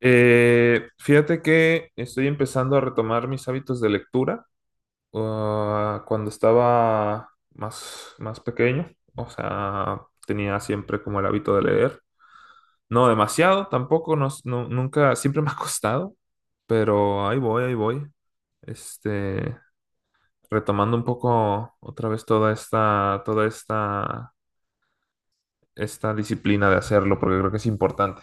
Fíjate que estoy empezando a retomar mis hábitos de lectura cuando estaba más pequeño, o sea, tenía siempre como el hábito de leer. No demasiado, tampoco, nunca, siempre me ha costado, pero ahí voy, ahí voy. Este, retomando un poco otra vez esta disciplina de hacerlo, porque creo que es importante.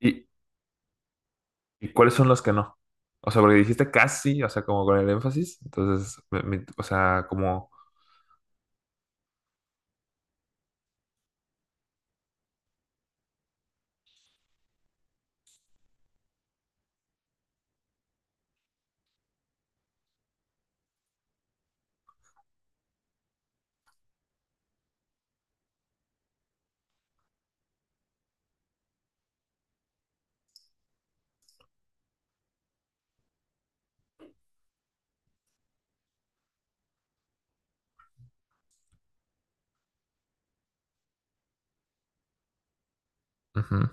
Y, ¿Y cuáles son los que no? O sea, porque dijiste casi, o sea, como con el énfasis. Entonces, o sea, como. Ujú.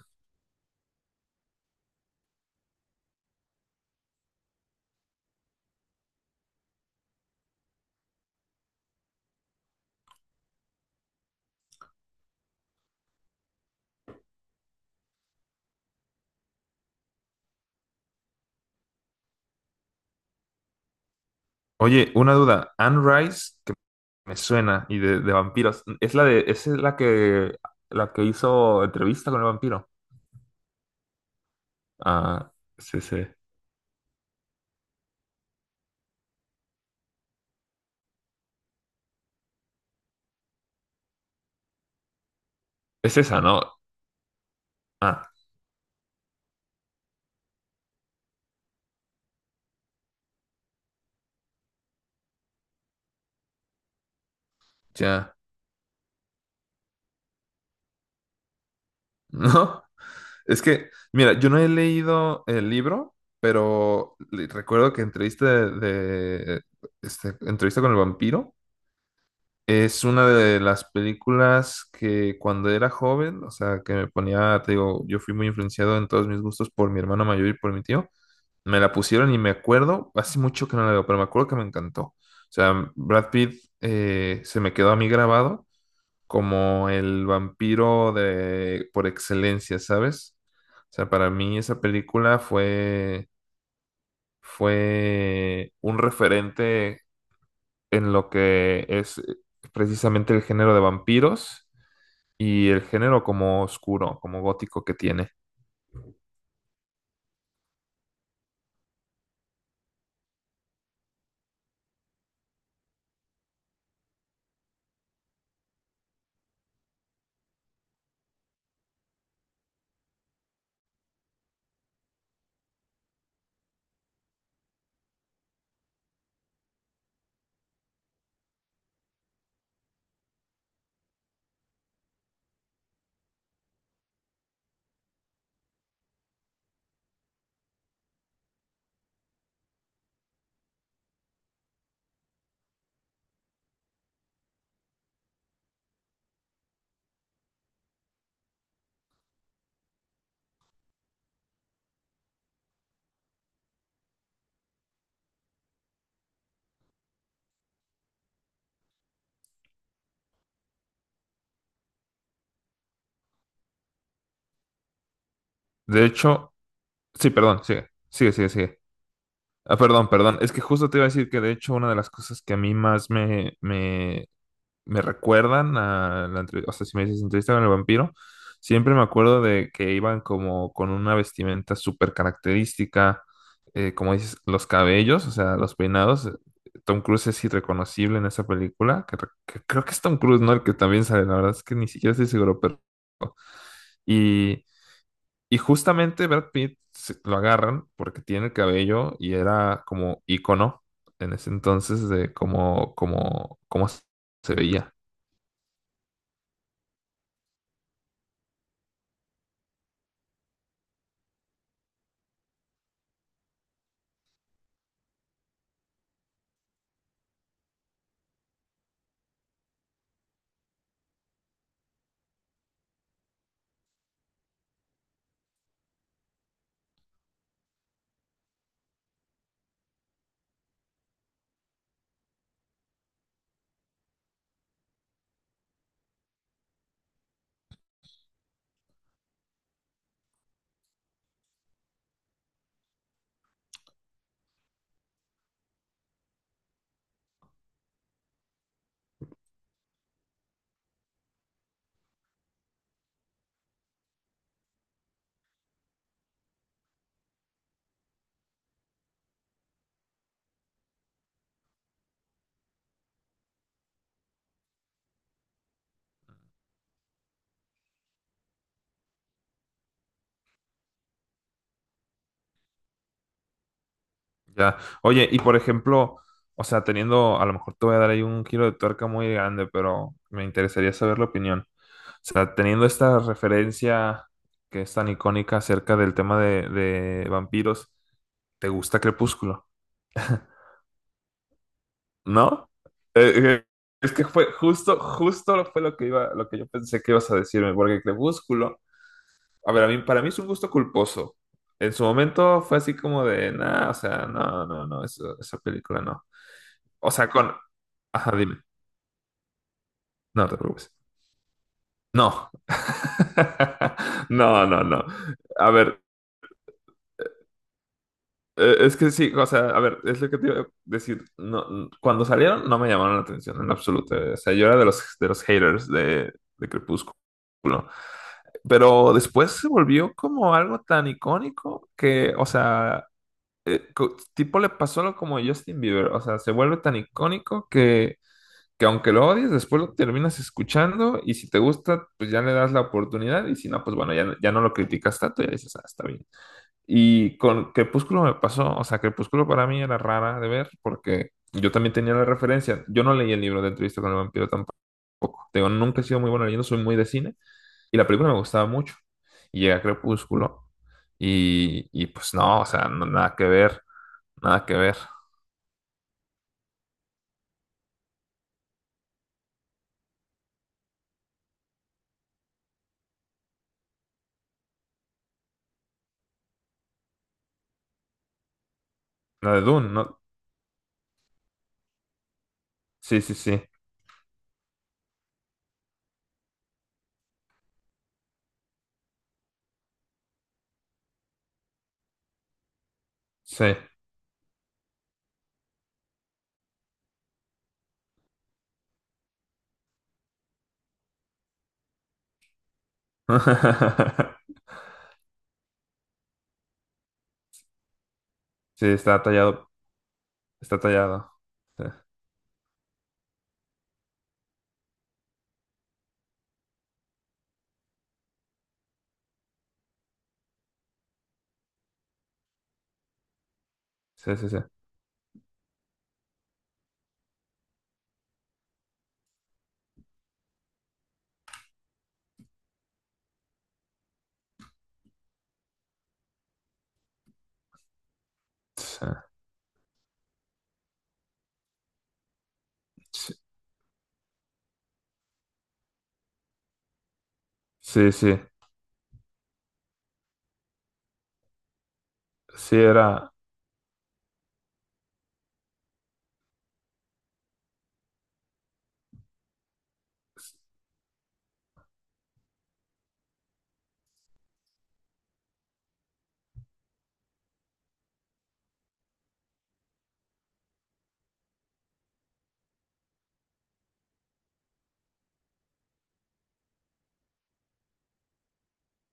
Oye, una duda. Anne Rice, que me suena, y de vampiros. Esa es la que hizo entrevista con el vampiro. Ah, sí, sí. Es esa, ¿no? Ah, ya. No. Es que, mira, yo no he leído el libro, pero recuerdo que entrevista de- este, entrevista con el vampiro. Es una de las películas que cuando era joven, o sea, que me ponía, te digo, yo fui muy influenciado en todos mis gustos por mi hermano mayor y por mi tío. Me la pusieron y me acuerdo, hace mucho que no la veo, pero me acuerdo que me encantó. O sea, Brad Pitt se me quedó a mí grabado como el vampiro de por excelencia, ¿sabes? O sea, para mí esa película fue un referente en lo que es precisamente el género de vampiros y el género como oscuro, como gótico que tiene. De hecho, sí, perdón, sigue, sigue, sigue, sigue. Ah, perdón, perdón. Es que justo te iba a decir que de hecho una de las cosas que a mí más me recuerdan a la entrevista, o sea, si me dices entrevista con el vampiro, siempre me acuerdo de que iban como con una vestimenta súper característica, como dices, los cabellos, o sea, los peinados. Tom Cruise es irreconocible en esa película, que creo que es Tom Cruise, ¿no? El que también sale, la verdad es que ni siquiera estoy seguro, pero. Y, y justamente Brad Pitt lo agarran porque tiene el cabello y era como ícono en ese entonces de cómo se veía. Ya. Oye, y por ejemplo, o sea, teniendo, a lo mejor te voy a dar ahí un giro de tuerca muy grande, pero me interesaría saber la opinión. O sea, teniendo esta referencia que es tan icónica acerca del tema de vampiros, ¿te gusta Crepúsculo? ¿No? Eh, eh, es que fue justo, justo fue lo que iba, lo que yo pensé que ibas a decirme, porque Crepúsculo, a ver, a mí, para mí es un gusto culposo. En su momento fue así como de, nada, o sea, no, no, no, esa película no. O sea, con. Ajá, dime. No te preocupes. No. No, no, no. A ver, es que sí, o sea, a ver, es lo que te iba a decir. No, cuando salieron no me llamaron la atención en absoluto. O sea, yo era de los haters de Crepúsculo. Pero después se volvió como algo tan icónico que, o sea, tipo le pasó lo como a Justin Bieber. O sea, se vuelve tan icónico que aunque lo odies, después lo terminas escuchando y si te gusta, pues ya le das la oportunidad y si no, pues bueno, ya, ya no lo criticas tanto y dices, ah, está bien. Y con Crepúsculo me pasó, o sea, Crepúsculo para mí era rara de ver porque yo también tenía la referencia. Yo no leí el libro de Entrevista con el vampiro tampoco. Te digo, nunca he sido muy bueno leyendo, soy muy de cine y la película me gustaba mucho. Y llega Crepúsculo y pues no, o sea, nada que ver, nada que ver. La de Dune, ¿no? Sí, sí, sí, sí. Sí, está tallado, está tallado. Sí, sí, sí. Sí, sí, sí, sí, sí, sí, era.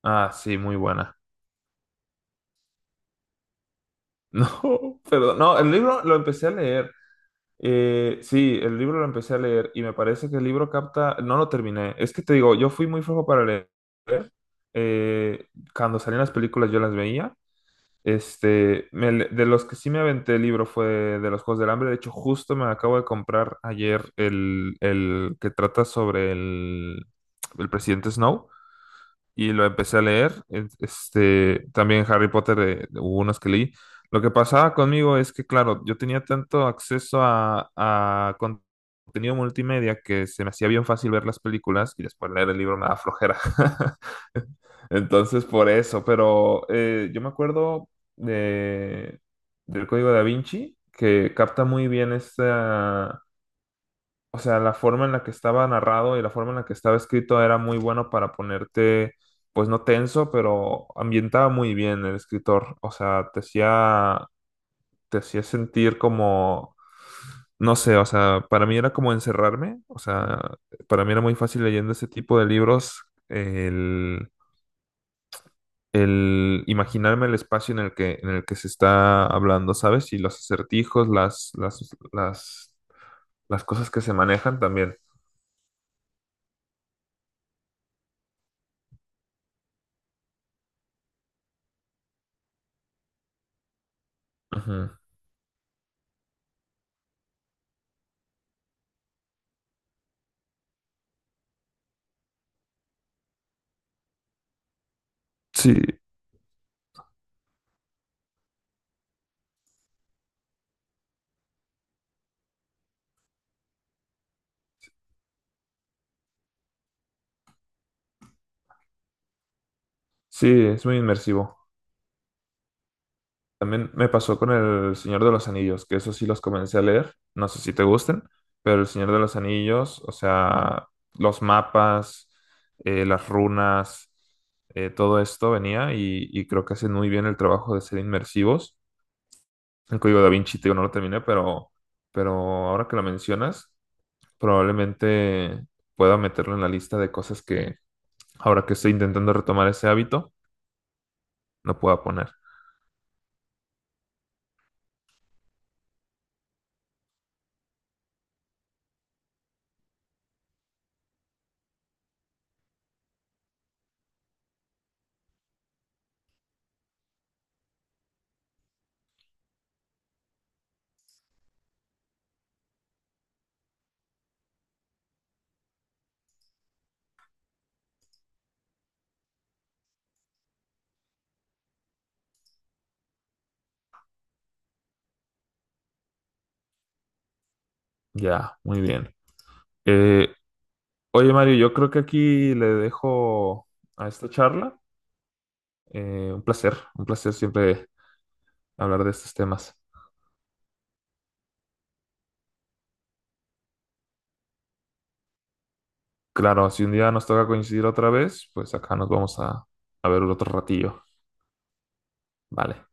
Ah, sí, muy buena. No, perdón. No, el libro lo empecé a leer. Sí, el libro lo empecé a leer y me parece que el libro capta. No lo terminé. Es que te digo, yo fui muy flojo para leer. Eh, cuando salían las películas yo las veía. De los que sí me aventé el libro fue de los Juegos del Hambre. De hecho, justo me acabo de comprar ayer el que trata sobre el presidente Snow y lo empecé a leer. También Harry Potter, hubo unos que leí. Lo que pasaba conmigo es que, claro, yo tenía tanto acceso a contenido multimedia que se me hacía bien fácil ver las películas y después leer el libro me da flojera. Entonces, por eso, pero yo me acuerdo de, del Código Da Vinci, que capta muy bien o sea, la forma en la que estaba narrado y la forma en la que estaba escrito era muy bueno para ponerte, pues no tenso, pero ambientaba muy bien el escritor. O sea, te hacía sentir como, no sé, o sea, para mí era como encerrarme. O sea, para mí era muy fácil leyendo ese tipo de libros, el, el imaginarme el espacio en el que, se está hablando, ¿sabes? Y los acertijos, las, las cosas que se manejan también. Ujú. Sí, sí, es muy inmersivo. También me pasó con El Señor de los Anillos, que eso sí los comencé a leer. No sé si te gusten, pero El Señor de los Anillos, o sea, los mapas, las runas, todo esto venía y creo que hacen muy bien el trabajo de ser inmersivos. El Código Da Vinci, te digo, no lo terminé, pero ahora que lo mencionas, probablemente pueda meterlo en la lista de cosas que ahora que estoy intentando retomar ese hábito, no pueda poner. Ya, muy bien. Eh, Oye, Mario, yo creo que aquí le dejo a esta charla. Un placer, un placer siempre hablar de estos temas. Claro, si un día nos toca coincidir otra vez, pues acá nos vamos a ver otro ratillo. Vale.